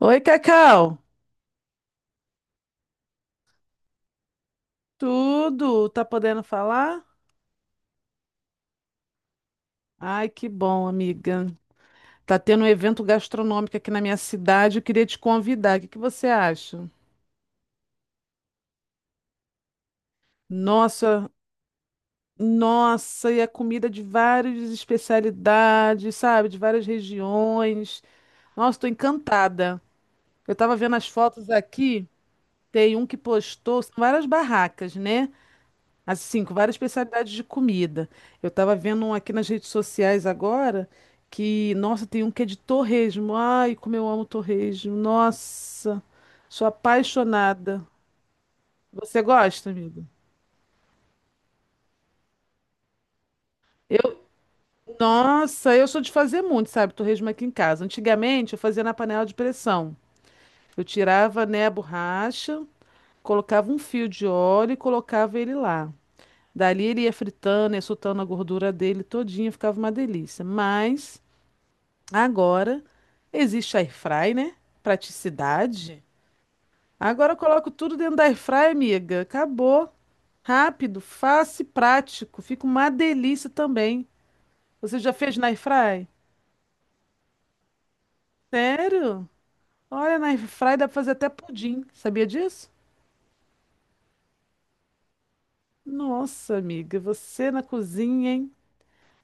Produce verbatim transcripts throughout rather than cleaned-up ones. Oi, Cacau. Tudo? Tá podendo falar? Ai, que bom, amiga. Tá tendo um evento gastronômico aqui na minha cidade. Eu queria te convidar. O que que você acha? Nossa, nossa, e a comida de várias especialidades, sabe? De várias regiões. Nossa, tô encantada. Eu tava vendo as fotos aqui. Tem um que postou, são várias barracas, né? Assim, com várias especialidades de comida. Eu tava vendo um aqui nas redes sociais agora que, nossa, tem um que é de torresmo. Ai, como eu amo torresmo. Nossa, sou apaixonada. Você gosta, amigo? Eu, nossa, eu sou de fazer muito, sabe, torresmo aqui em casa. Antigamente eu fazia na panela de pressão. Eu tirava, né, a borracha, colocava um fio de óleo e colocava ele lá. Dali ele ia fritando, ia soltando a gordura dele todinha, ficava uma delícia. Mas agora existe air fry, né? Praticidade. Agora eu coloco tudo dentro da air fry, amiga. Acabou. Rápido, fácil e prático. Fica uma delícia também. Você já fez na air fry? Sério? Olha, na air fry dá pra fazer até pudim. Sabia disso? Nossa, amiga, você na cozinha, hein?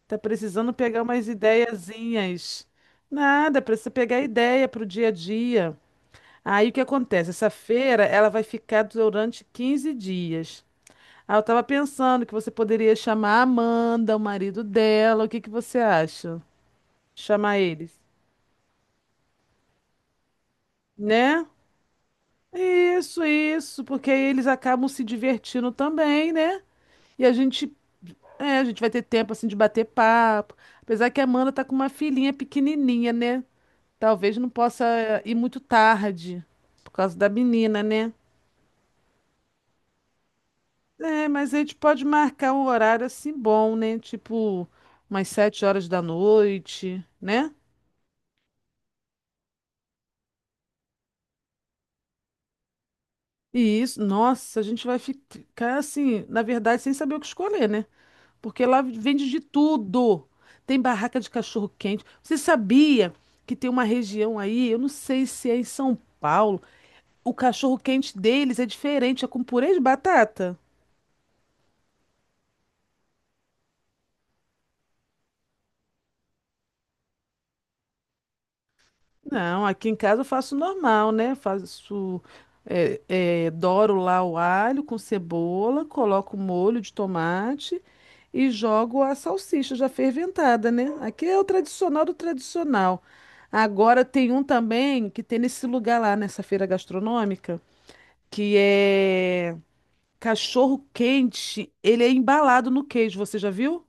Tá precisando pegar umas ideiazinhas. Nada, precisa pegar ideia pro dia a dia. Aí o que acontece? Essa feira ela vai ficar durante quinze dias. Aí eu tava pensando que você poderia chamar a Amanda, o marido dela. O que que você acha? Chamar eles, né? Isso, isso, porque aí eles acabam se divertindo também, né? E a gente, é, a gente vai ter tempo assim de bater papo. Apesar que a Amanda tá com uma filhinha pequenininha, né? Talvez não possa ir muito tarde por causa da menina, né? É, mas a gente pode marcar um horário assim bom, né? Tipo, umas sete horas da noite, né? E isso, nossa, a gente vai ficar assim, na verdade, sem saber o que escolher, né? Porque lá vende de tudo. Tem barraca de cachorro-quente. Você sabia que tem uma região aí, eu não sei se é em São Paulo, o cachorro-quente deles é diferente, é com purê de batata? Não, aqui em casa eu faço normal, né? Faço, é, é, doro lá o alho com cebola, coloco o molho de tomate e jogo a salsicha já ferventada, né? Aqui é o tradicional do tradicional. Agora tem um também que tem nesse lugar lá, nessa feira gastronômica, que é cachorro quente. Ele é embalado no queijo, você já viu?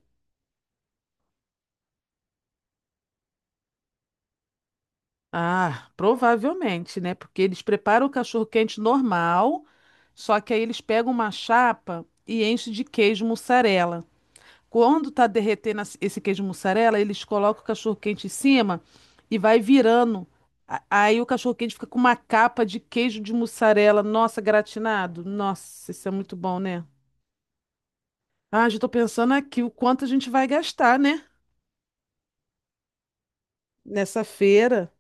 Ah, provavelmente, né? Porque eles preparam o cachorro-quente normal, só que aí eles pegam uma chapa e enchem de queijo mussarela. Quando tá derretendo as- esse queijo mussarela, eles colocam o cachorro-quente em cima e vai virando. A- Aí o cachorro-quente fica com uma capa de queijo de mussarela, nossa, gratinado. Nossa, isso é muito bom, né? Ah, já tô pensando aqui o quanto a gente vai gastar, né? Nessa feira.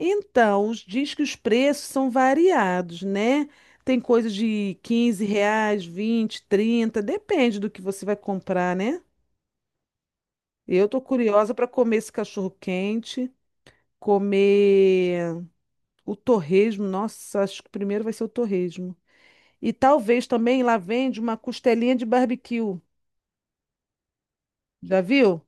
Então, os- diz que os preços são variados, né? Tem coisa de quinze reais, vinte, trinta, depende do que você vai comprar, né? Eu tô curiosa para comer esse cachorro-quente, comer o torresmo. Nossa, acho que primeiro vai ser o torresmo. E talvez também lá vende uma costelinha de barbecue. Já viu?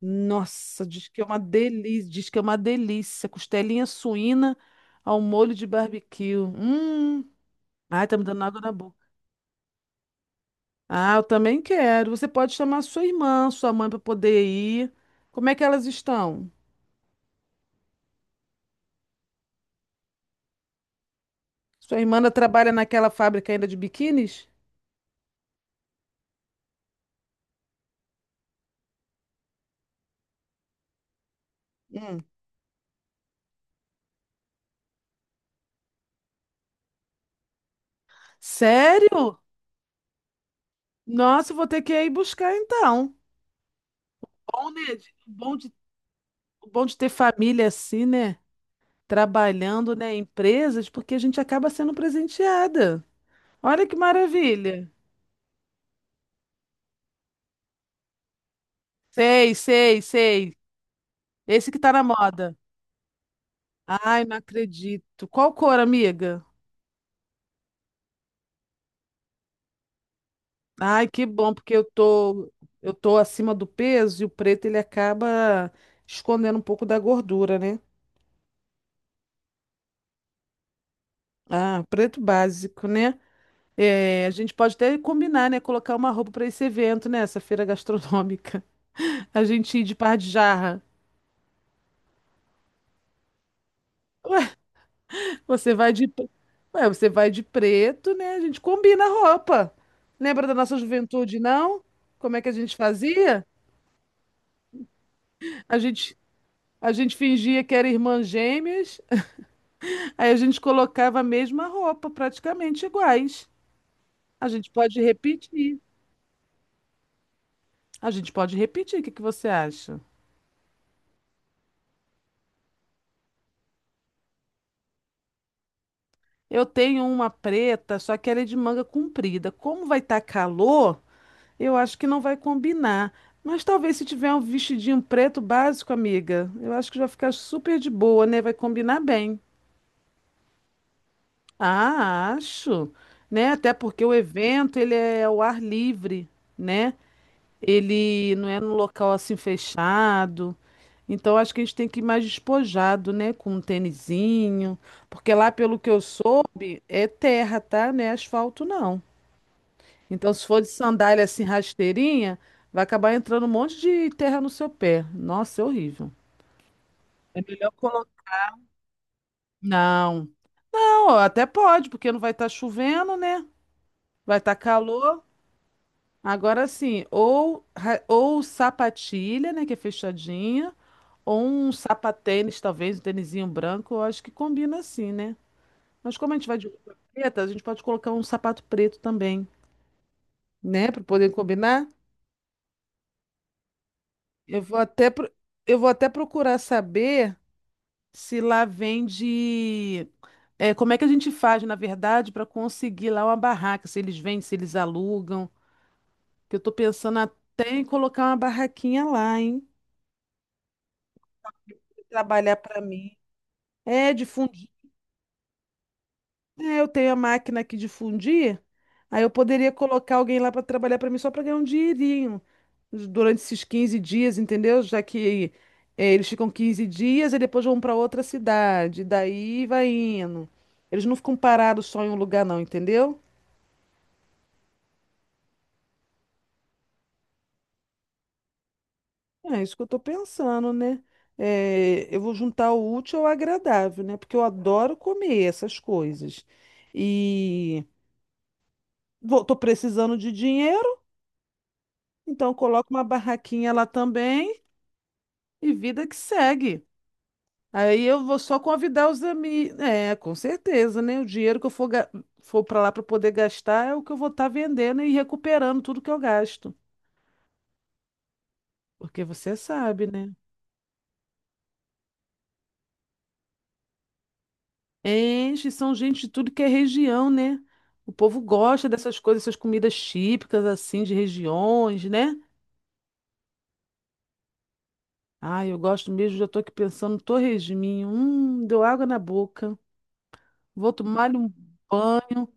Nossa, diz que é uma delícia, diz que é uma delícia. Costelinha suína ao molho de barbecue. Hum. Ai, tá me dando água na boca. Ah, eu também quero. Você pode chamar sua irmã, sua mãe para poder ir. Como é que elas estão? Sua irmã ainda trabalha naquela fábrica ainda de biquínis? Hum. Sério? Nossa, eu vou ter que ir buscar então. Bom, né? de- O bom de, o bom de ter família assim, né? Trabalhando, né? Em empresas, porque a gente acaba sendo presenteada. Olha que maravilha. Sei, sei, sei. Esse que tá na moda. Ai, não acredito. Qual cor, amiga? Ai, que bom, porque eu tô, eu tô acima do peso e o preto ele acaba escondendo um pouco da gordura, né? Ah, preto básico, né? É, a gente pode até combinar, né? Colocar uma roupa para esse evento, né? Essa feira gastronômica. A gente ir de par de jarra. Ué, você vai de, pre- ué, você vai de preto, né? A gente combina a roupa. Lembra da nossa juventude, não? Como é que a gente fazia? A gente, a gente fingia que era irmã gêmeas. Aí a gente colocava a mesma roupa, praticamente iguais. A gente pode repetir. A gente pode repetir. O que que você acha? Eu tenho uma preta, só que ela é de manga comprida. Como vai estar calor, eu acho que não vai combinar. Mas talvez se tiver um vestidinho preto básico, amiga, eu acho que vai ficar super de boa, né? Vai combinar bem. Ah, acho, né? Até porque o evento ele é ao ar livre, né? Ele não é num local assim fechado. Então acho que a gente tem que ir mais despojado, né? Com um tênisinho. Porque lá, pelo que eu soube, é terra, tá? Não é asfalto, não. Então, se for de sandália assim rasteirinha, vai acabar entrando um monte de terra no seu pé. Nossa, é horrível. É melhor colocar. Não. Não, até pode, porque não vai estar chovendo, né? Vai estar calor. Agora sim, ou, ra- ou sapatilha, né? Que é fechadinha. Ou um sapatênis, talvez, um tênisinho branco, eu acho que combina assim, né? Mas como a gente vai de roupa preta, a gente pode colocar um sapato preto também, né? Para poder combinar. Eu vou até, pro- eu vou até procurar saber se lá vende. É, como é que a gente faz, na verdade, para conseguir lá uma barraca? Se eles vendem, se eles alugam. Que eu tô pensando até em colocar uma barraquinha lá, hein? Trabalhar para mim. É, difundir. É, eu tenho a máquina aqui de fundir, aí eu poderia colocar alguém lá para trabalhar para mim só para ganhar um dinheirinho durante esses quinze dias, entendeu? Já que eh, eles ficam quinze dias e depois vão para outra cidade, daí vai indo. Eles não ficam parados só em um lugar, não, entendeu? É isso que eu tô pensando, né? Eh, eu vou juntar o útil ao agradável, né? Porque eu adoro comer essas coisas. E vou, tô precisando de dinheiro, então eu coloco uma barraquinha lá também. E vida que segue. Aí eu vou só convidar os amigos. É, com certeza, né? O dinheiro que eu for, ga- for para lá para poder gastar é o que eu vou estar vendendo e recuperando tudo que eu gasto. Porque você sabe, né? Enche, são gente de tudo que é região, né? O povo gosta dessas coisas, essas comidas típicas, assim, de regiões, né? Ah, eu gosto mesmo, já tô aqui pensando no torresminho. Hum, deu água na boca. Vou tomar um banho,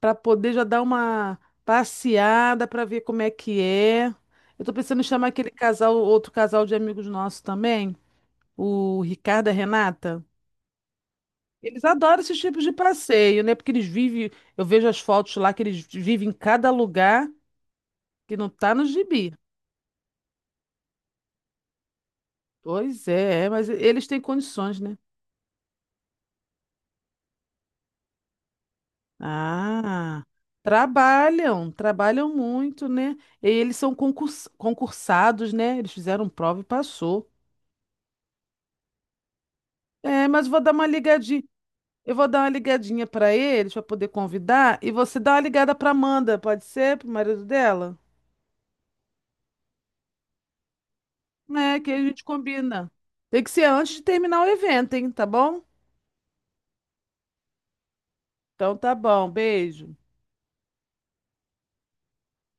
para poder já dar uma passeada para ver como é que é. Eu tô pensando em chamar aquele casal, outro casal de amigos nossos também, o Ricardo e a Renata. Eles adoram esses tipos de passeio, né? Porque eles vivem, eu vejo as fotos lá que eles vivem em cada lugar que não tá no gibi. Pois é, é, mas eles têm condições, né? Ah, trabalham, trabalham muito, né? E eles são concurs- concursados, né? Eles fizeram prova e passou. É, mas vou dar uma ligadinha. Eu vou dar uma ligadinha pra eles pra poder convidar e você dá uma ligada pra Amanda, pode ser? Pro marido dela? É, que a gente combina. Tem que ser antes de terminar o evento, hein? Tá bom? Então tá bom, beijo.